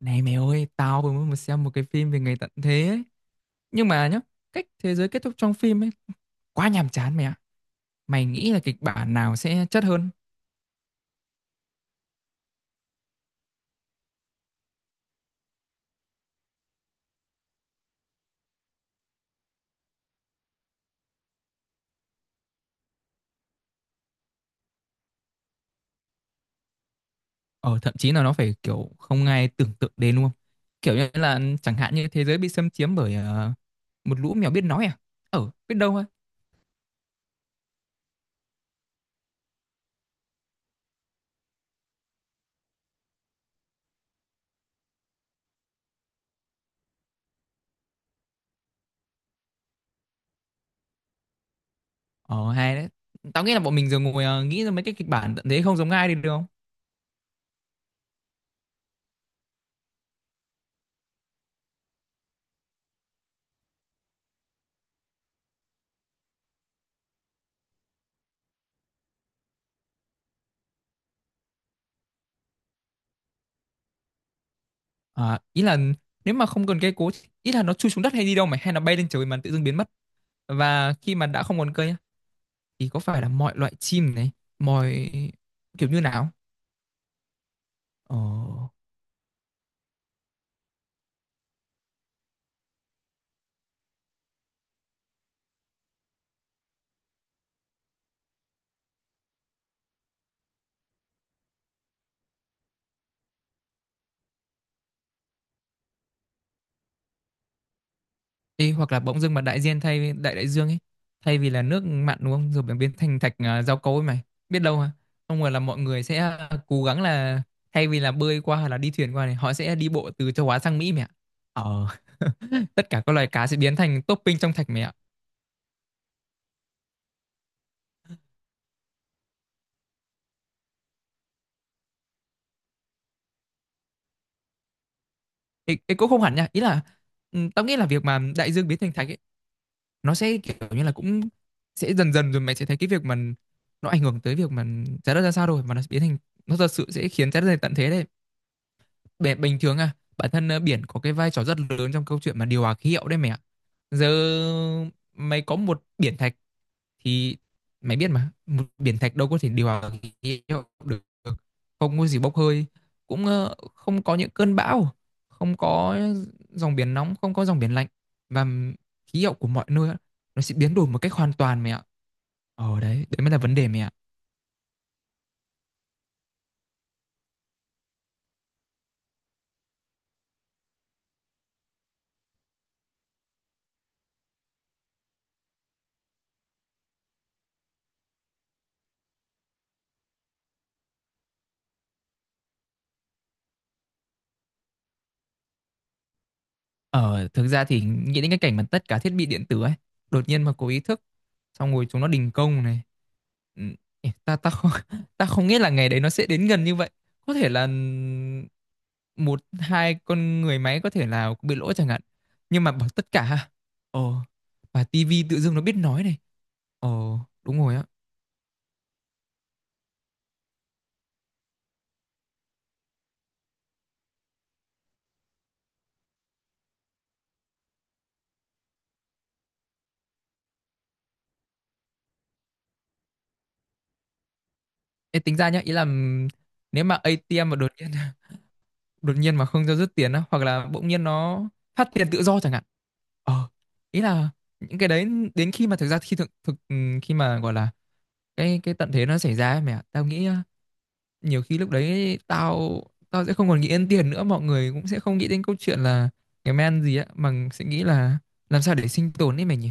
Này mày ơi, tao vừa mới mới xem một cái phim về ngày tận thế ấy. Nhưng mà nhá, cách thế giới kết thúc trong phim ấy quá nhàm chán mày ạ. Mày nghĩ là kịch bản nào sẽ chất hơn? Ờ thậm chí là nó phải kiểu không ai tưởng tượng đến luôn. Kiểu như là chẳng hạn như thế giới bị xâm chiếm bởi một lũ mèo biết nói à? Ờ, biết đâu thôi. Ờ hay đấy. Tao nghĩ là bọn mình giờ ngồi nghĩ ra mấy cái kịch bản tận thế không giống ai đi được không? À, ý là nếu mà không cần cây cối, ý là nó chui xuống đất hay đi đâu mày hay nó bay lên trời mà tự dưng biến mất. Và khi mà đã không còn cây thì có phải là mọi loại chim này mọi kiểu như nào. Ờ. Ê, hoặc là bỗng dưng mà đại dương thay đại đại dương ấy thay vì là nước mặn đúng không rồi biến biến thành thạch à, rau câu ấy mày biết đâu mà không ngờ là mọi người sẽ cố gắng là thay vì là bơi qua hoặc là đi thuyền qua này họ sẽ đi bộ từ châu Á sang Mỹ mẹ ạ. Ờ. Tất cả các loài cá sẽ biến thành topping trong thạch mẹ ạ. Ê, ê, cũng không hẳn nha, ý là ừ, tao nghĩ là việc mà đại dương biến thành thạch ấy nó sẽ kiểu như là cũng sẽ dần dần rồi mày sẽ thấy cái việc mà nó ảnh hưởng tới việc mà trái đất ra sao rồi mà nó biến thành, nó thật sự sẽ khiến trái đất này tận thế đấy. Bình thường à bản thân biển có cái vai trò rất lớn trong câu chuyện mà điều hòa khí hậu đấy mẹ ạ. Giờ mày có một biển thạch thì mày biết mà một biển thạch đâu có thể điều hòa khí hậu được. Không có gì bốc hơi, cũng không có những cơn bão, không có dòng biển nóng, không có dòng biển lạnh, và khí hậu của mọi nơi nó sẽ biến đổi một cách hoàn toàn mẹ ạ. Ờ đấy, đấy mới là vấn đề mẹ ạ. Ờ, thực ra thì nghĩ đến cái cảnh mà tất cả thiết bị điện tử ấy, đột nhiên mà có ý thức, xong rồi chúng nó đình công này. Ừ, ê, ta ta không ta không nghĩ là ngày đấy nó sẽ đến gần như vậy. Có thể là một hai con người máy có thể là bị lỗi chẳng hạn. Nhưng mà bằng tất cả ha. Ờ, và tivi tự dưng nó biết nói này. Ờ, đúng rồi á. Ê, tính ra nhá, ý là nếu mà ATM mà đột nhiên đột nhiên mà không cho rút tiền á, hoặc là bỗng nhiên nó phát tiền tự do chẳng hạn. Ờ, ý là những cái đấy đến khi mà thực ra khi thực thực khi mà gọi là cái tận thế nó xảy ra ấy mẹ ạ, tao nghĩ ờ, nhiều khi lúc đấy tao tao sẽ không còn nghĩ đến tiền nữa, mọi người cũng sẽ không nghĩ đến câu chuyện là ngày men gì á mà sẽ nghĩ là làm sao để sinh tồn ấy mày nhỉ.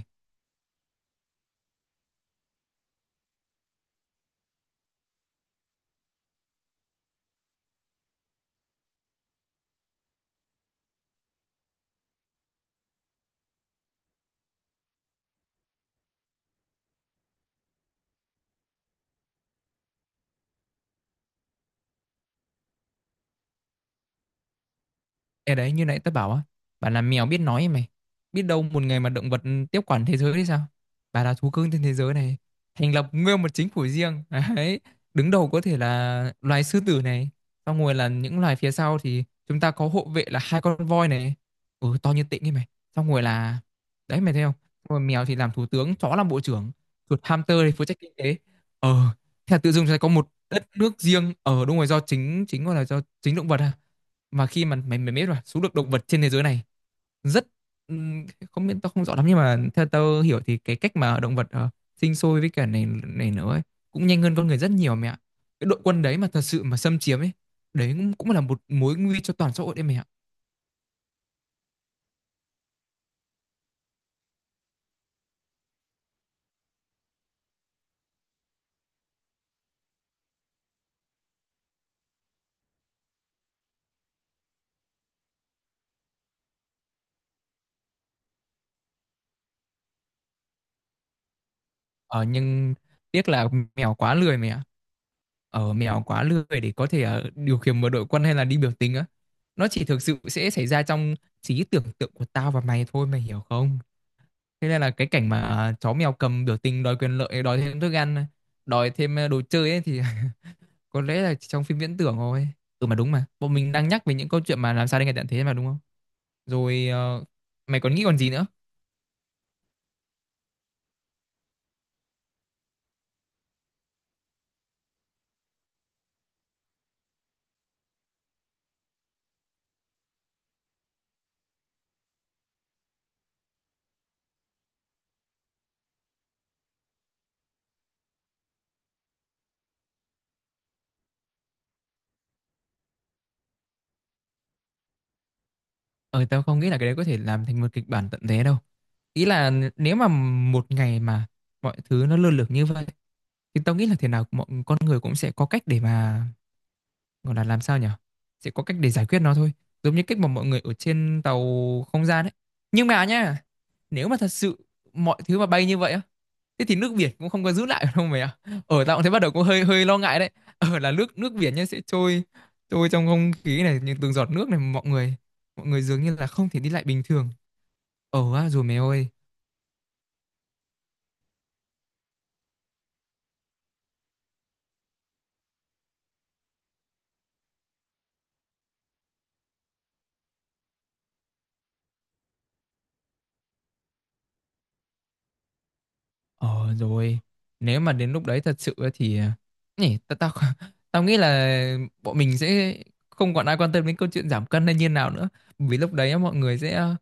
Ê đấy như nãy tớ bảo á, bà là mèo biết nói ấy mày. Biết đâu một ngày mà động vật tiếp quản thế giới thì sao. Bà là thú cưng trên thế giới này, thành lập nguyên một chính phủ riêng. Đấy, đứng đầu có thể là loài sư tử này. Xong rồi là những loài phía sau thì chúng ta có hộ vệ là hai con voi này. Ừ, to như tịnh ấy mày. Xong rồi là, đấy mày thấy không, xong rồi mèo thì làm thủ tướng, chó làm bộ trưởng, chuột hamster thì phụ trách kinh tế. Ờ, thế là tự dưng sẽ có một đất nước riêng. Ờ đúng rồi, do chính, chính gọi là do chính động vật à, mà khi mà mày mày biết rồi số lượng động vật trên thế giới này rất ừm, không biết, tao không rõ lắm nhưng mà theo tao hiểu thì cái cách mà động vật ờ, sinh sôi với cả này này nữa ấy, cũng nhanh hơn con người rất nhiều mẹ ạ. Cái đội quân đấy mà thật sự mà xâm chiếm ấy, đấy cũng, cũng là một mối nguy cho toàn xã hội đấy mẹ ạ. Ờ, nhưng tiếc là mèo quá lười mẹ ạ. Ờ, mèo quá lười để có thể ờ, điều khiển một đội quân hay là đi biểu tình á. Nó chỉ thực sự sẽ xảy ra trong trí tưởng tượng của tao và mày thôi mày hiểu không. Thế nên là cái cảnh mà à, chó mèo cầm biểu tình đòi quyền lợi, đòi thêm thức ăn, đòi thêm à, đồ chơi ấy thì có lẽ là chỉ trong phim viễn tưởng thôi. Ừ mà đúng, mà bọn mình đang nhắc về những câu chuyện mà làm sao để ngày tận thế mà đúng không. Rồi ờ, mày còn nghĩ còn gì nữa. Ờ tao không nghĩ là cái đấy có thể làm thành một kịch bản tận thế đâu. Ý là nếu mà một ngày mà mọi thứ nó lơ lửng như vậy thì tao nghĩ là thế nào mọi con người cũng sẽ có cách để mà, gọi là làm sao nhỉ? Sẽ có cách để giải quyết nó thôi. Giống như cách mà mọi người ở trên tàu không gian ấy. Nhưng mà nhá, nếu mà thật sự mọi thứ mà bay như vậy á, thế thì nước biển cũng không có giữ lại đâu mày ạ. Ở tao cũng thấy bắt đầu cũng hơi hơi lo ngại đấy. Ở là nước nước biển nhá sẽ trôi trôi trong không khí này, những từng giọt nước này, mọi người dường như là không thể đi lại bình thường. Ở á rồi mày ơi. Ờ rồi, nếu mà đến lúc đấy thật sự ấy thì à, nhỉ, tao tao tao nghĩ là bọn mình sẽ không còn ai quan tâm đến câu chuyện giảm cân hay như nào nữa, vì lúc đấy á, mọi người sẽ ờ,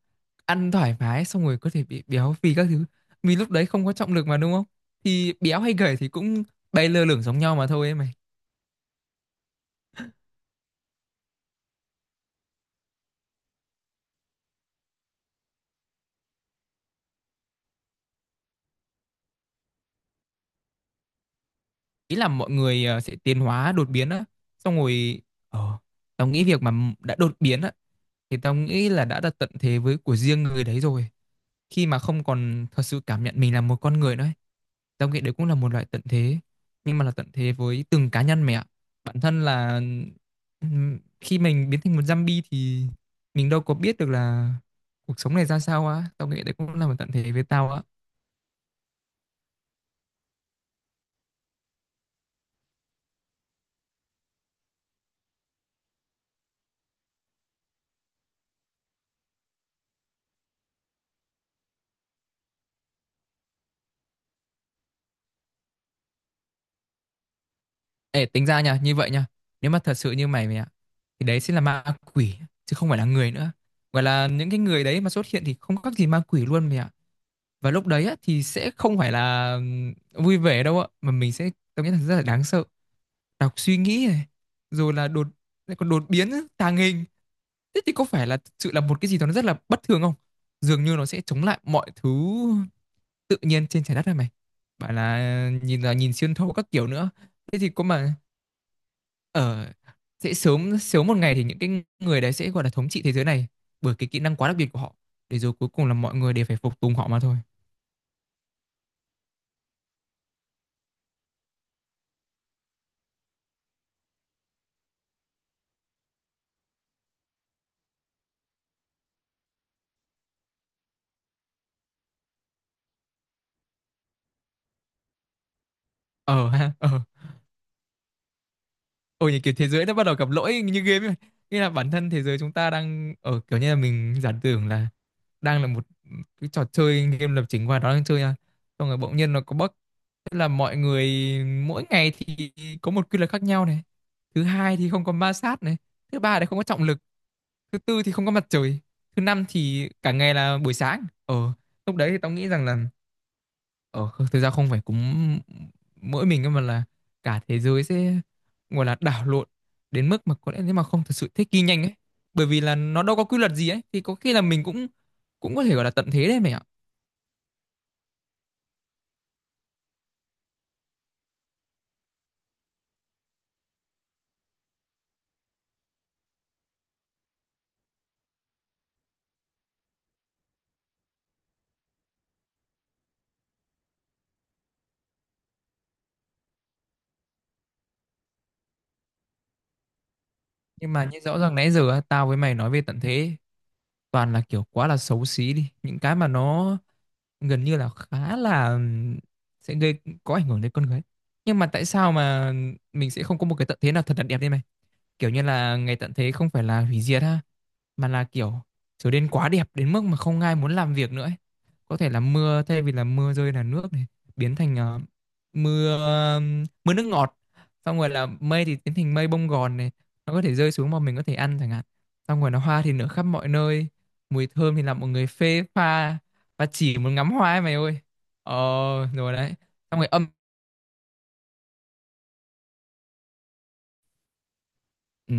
ăn thoải mái xong rồi có thể bị béo phì các thứ. Vì lúc đấy không có trọng lực mà đúng không? Thì béo hay gầy thì cũng bay lơ lửng giống nhau mà thôi ấy mày. Ý là mọi người ờ, sẽ tiến hóa đột biến á, xong rồi ờ tao nghĩ việc mà đã đột biến á thì tao nghĩ là đã đặt tận thế với của riêng người đấy rồi. Khi mà không còn thật sự cảm nhận mình là một con người nữa, tao nghĩ đấy cũng là một loại tận thế, nhưng mà là tận thế với từng cá nhân mày ạ. Bản thân là khi mình biến thành một zombie thì mình đâu có biết được là cuộc sống này ra sao á, tao nghĩ đấy cũng là một tận thế với tao á. Ê tính ra nha, như vậy nha, nếu mà thật sự như mày mày ạ thì đấy sẽ là ma quỷ chứ không phải là người nữa. Gọi là những cái người đấy mà xuất hiện thì không khác gì ma quỷ luôn mày ạ. Và lúc đấy á, thì sẽ không phải là vui vẻ đâu ạ, mà mình sẽ cảm thấy rất là đáng sợ. Đọc suy nghĩ này, rồi là đột, lại còn đột biến á, tàng hình, thế thì có phải là thực sự là một cái gì đó nó rất là bất thường không. Dường như nó sẽ chống lại mọi thứ tự nhiên trên trái đất này mày, bảo là nhìn xuyên thấu các kiểu nữa, thế thì có mà ở sẽ sớm sớm một ngày thì những cái người đấy sẽ gọi là thống trị thế giới này bởi cái kỹ năng quá đặc biệt của họ, để rồi cuối cùng là mọi người đều phải phục tùng họ mà thôi. Ờ ha ờ, ôi như kiểu thế giới nó bắt đầu gặp lỗi như game ấy. Nghĩa là bản thân thế giới chúng ta đang ở, kiểu như là mình giả tưởng là đang là một cái trò chơi game lập trình và nó đang chơi nha. Xong rồi bỗng nhiên nó có bug. Tức là mọi người, mỗi ngày thì có một quy luật khác nhau này. Thứ hai thì không có ma sát này. Thứ ba thì không có trọng lực. Thứ tư thì không có mặt trời. Thứ năm thì cả ngày là buổi sáng. Ờ, lúc đấy thì tao nghĩ rằng là ờ, thực ra không phải cúm mỗi mình cơ mà là cả thế giới sẽ gọi là đảo lộn đến mức mà có lẽ nếu mà không thật sự thích nghi nhanh ấy, bởi vì là nó đâu có quy luật gì ấy thì có khi là mình cũng, cũng có thể gọi là tận thế đấy mày ạ. Nhưng mà như rõ ràng nãy giờ á, tao với mày nói về tận thế toàn là kiểu quá là xấu xí đi, những cái mà nó gần như là khá là sẽ gây có ảnh hưởng đến con người, nhưng mà tại sao mà mình sẽ không có một cái tận thế nào thật là đẹp đi mày. Kiểu như là ngày tận thế không phải là hủy diệt ha, mà là kiểu trở nên quá đẹp đến mức mà không ai muốn làm việc nữa ấy. Có thể là mưa thay vì là mưa rơi là nước này, biến thành ờ, mưa, mưa nước ngọt, xong rồi là mây thì biến thành mây bông gòn này, nó có thể rơi xuống mà mình có thể ăn chẳng hạn, xong rồi là hoa thì nở khắp mọi nơi, mùi thơm thì làm mọi người phê pha và chỉ muốn ngắm hoa ấy mày ơi. Ờ rồi đấy, xong rồi âm. Ừ.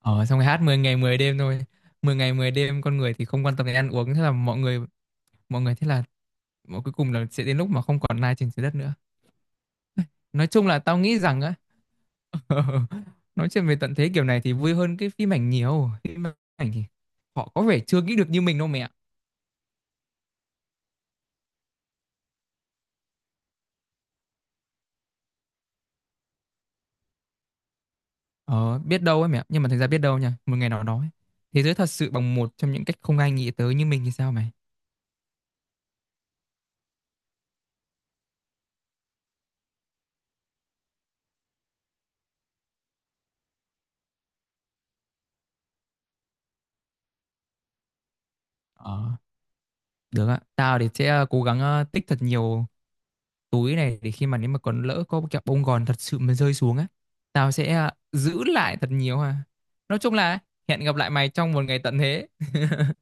Ờ xong rồi hát 10 ngày 10 đêm thôi. 10 ngày mười đêm con người thì không quan tâm đến ăn uống, thế là mọi người, mọi người thế là, mà cuối cùng là sẽ đến lúc mà không còn lai trên trái đất nữa. Nói chung là tao nghĩ rằng á, nói chuyện về tận thế kiểu này thì vui hơn cái phim ảnh nhiều. Phim ảnh thì họ có vẻ chưa nghĩ được như mình đâu mẹ. Ờ biết đâu ấy mẹ, nhưng mà thành ra biết đâu nha, một ngày nào đó ấy, thế giới thật sự bằng một trong những cách không ai nghĩ tới như mình thì sao mày. Ờ được ạ, tao thì sẽ ờ, cố gắng ờ, tích thật nhiều túi này để khi mà nếu mà còn lỡ có kẹo bông gòn thật sự mà rơi xuống á, tao sẽ ờ, giữ lại thật nhiều ha. Nói chung là hẹn gặp lại mày trong một ngày tận thế.